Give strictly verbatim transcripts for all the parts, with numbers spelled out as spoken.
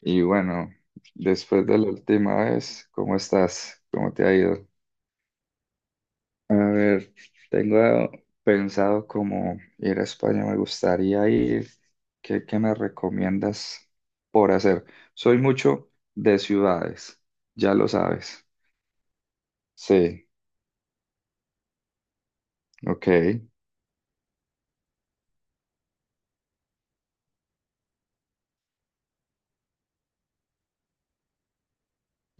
Y bueno, después de la última vez, ¿cómo estás? ¿Cómo te ha ido? A ver, tengo pensado como ir a España, me gustaría ir. ¿Qué, qué me recomiendas por hacer? Soy mucho de ciudades, ya lo sabes. Sí, ok,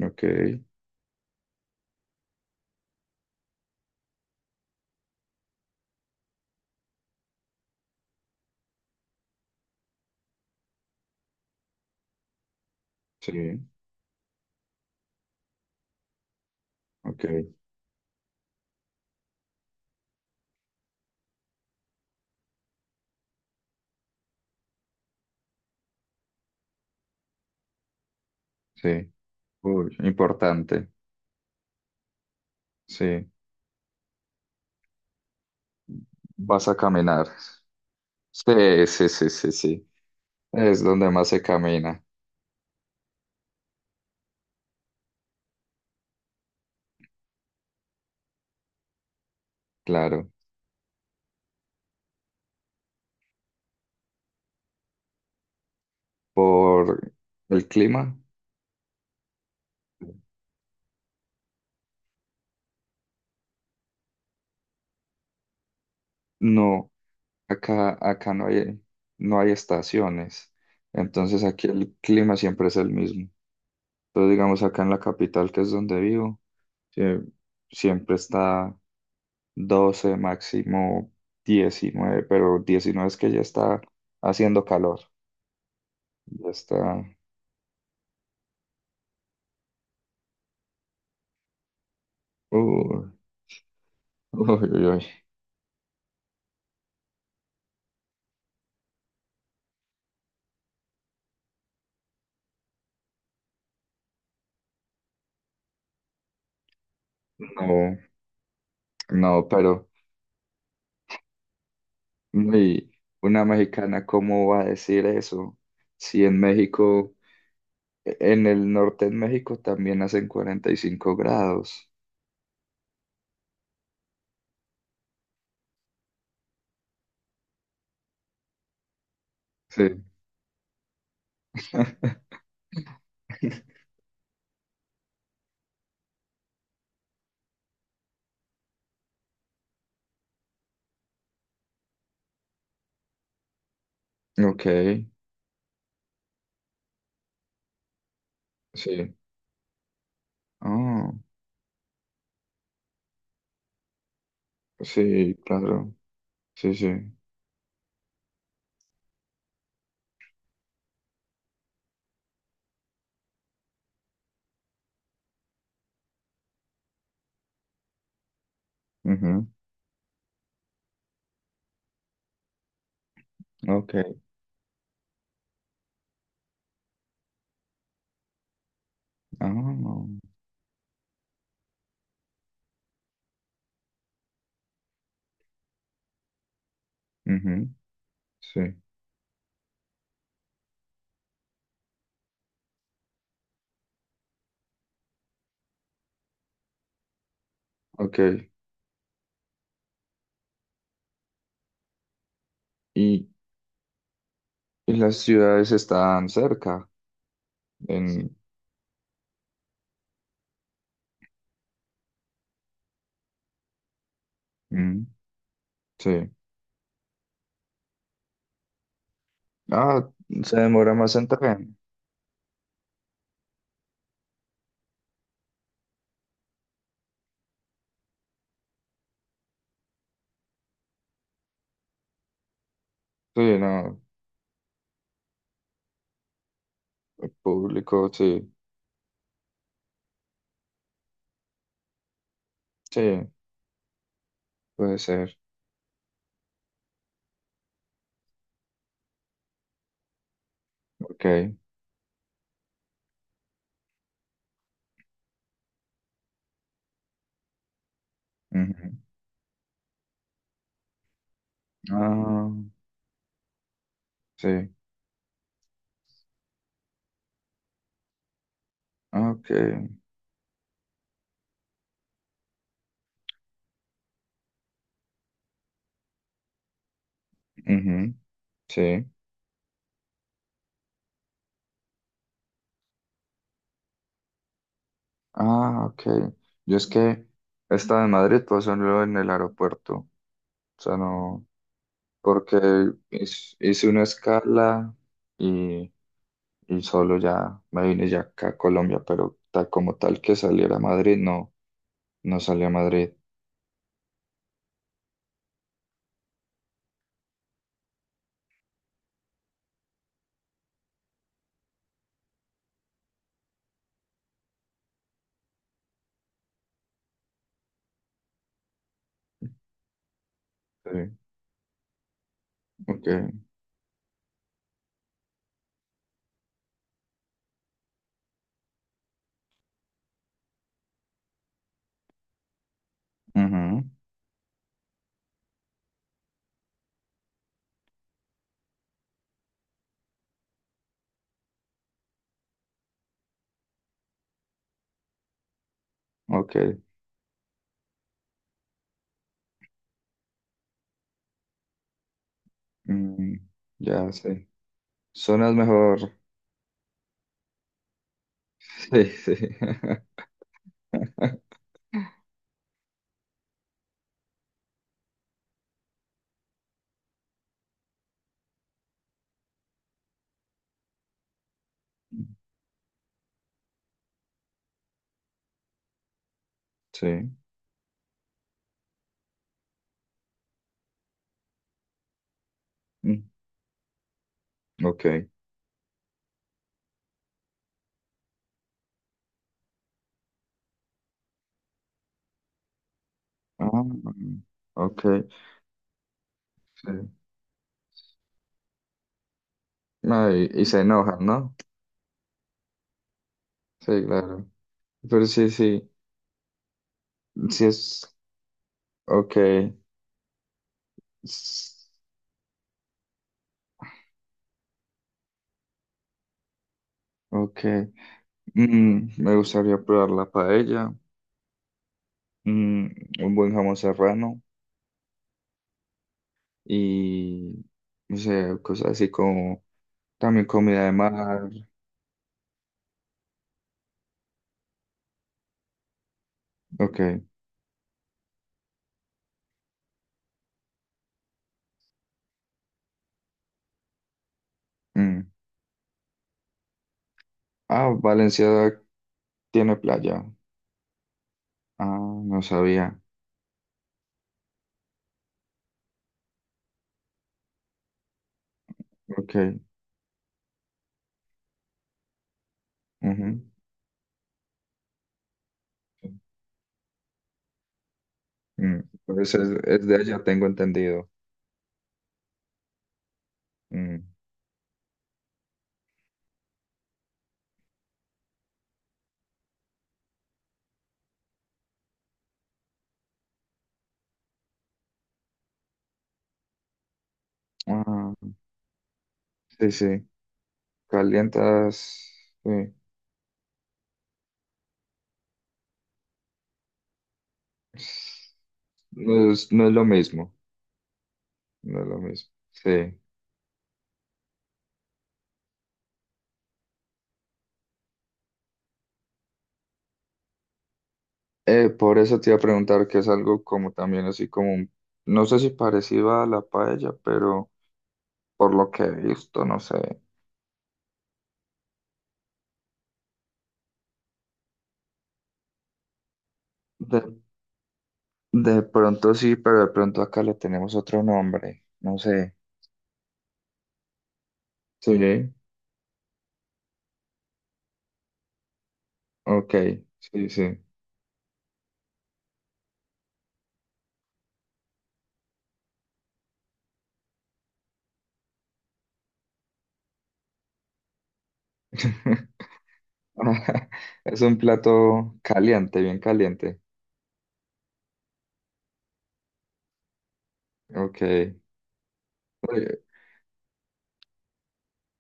ok, sí, ok, sí. Uy, importante, sí. Vas a caminar. Sí, sí, sí, sí, sí. Es donde más se camina, claro. Por el clima. No, acá, acá no hay, no hay estaciones. Entonces aquí el clima siempre es el mismo. Entonces, digamos, acá en la capital, que es donde vivo, sie- siempre está doce máximo diecinueve, pero diecinueve es que ya está haciendo calor. Ya está. uh, Uy, uy, uy. No, no, pero uy, una mexicana, ¿cómo va a decir eso? Si en México. En el norte de México también hacen cuarenta y cinco grados. Sí. Ok, sí. Ah, sí, claro. Sí, sí. Ujú, ok. Ah, ujú, sí. Ok. Y, y las ciudades están cerca. En, mm, sí. Ah, se demora más en tren. Sí, no. El público, sí. Sí, puede ser. Ok. Ujú. Ah, sí. Ok. Ujú, sí. Ah, ok. Yo es que esta de Madrid pasó luego en el aeropuerto. O sea, no, porque hice hice una escala y, y solo ya me vine ya acá a Colombia, pero tal como tal que saliera a Madrid, no, no salí a Madrid. Sí, ok. Ujú, ok. Mm, ya sé. Zonas mejor. Sí, sí. Sí. Mm, ok. Ah, mm, ok. Sí. No, y, y se enojan, ¿no? Sí, claro. Pero sí, sí, sí es, ok, s- ok. Mm, me gustaría probar la paella, mm, un buen jamón serrano y, no sé, cosas así como también comida de mar, ok. Mm. Ah, Valencia tiene playa. Ah, no sabía, ok. Ujú, mm. Entonces es, es de allá, tengo entendido. Mm. Ah, sí, sí. Calientas, sí. No es, no es lo mismo, no es lo mismo. Sí. Eh, por eso te iba a preguntar que es algo como también así como, un- no sé si parecido a la paella, pero por lo que he visto, no sé. De, de pronto sí, pero de pronto acá le tenemos otro nombre, no sé. Sí, ok, sí, sí. Es un plato caliente, bien caliente. Ok. Eh,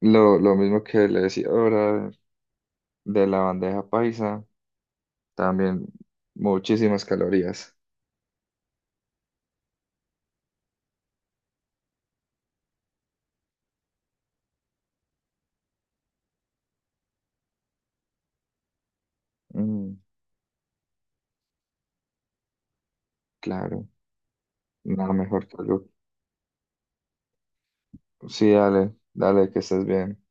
Lo, lo mismo que le decía ahora, de la bandeja paisa, también muchísimas calorías. Mm, claro, nada mejor que algo. Sí, dale, dale, que estés bien.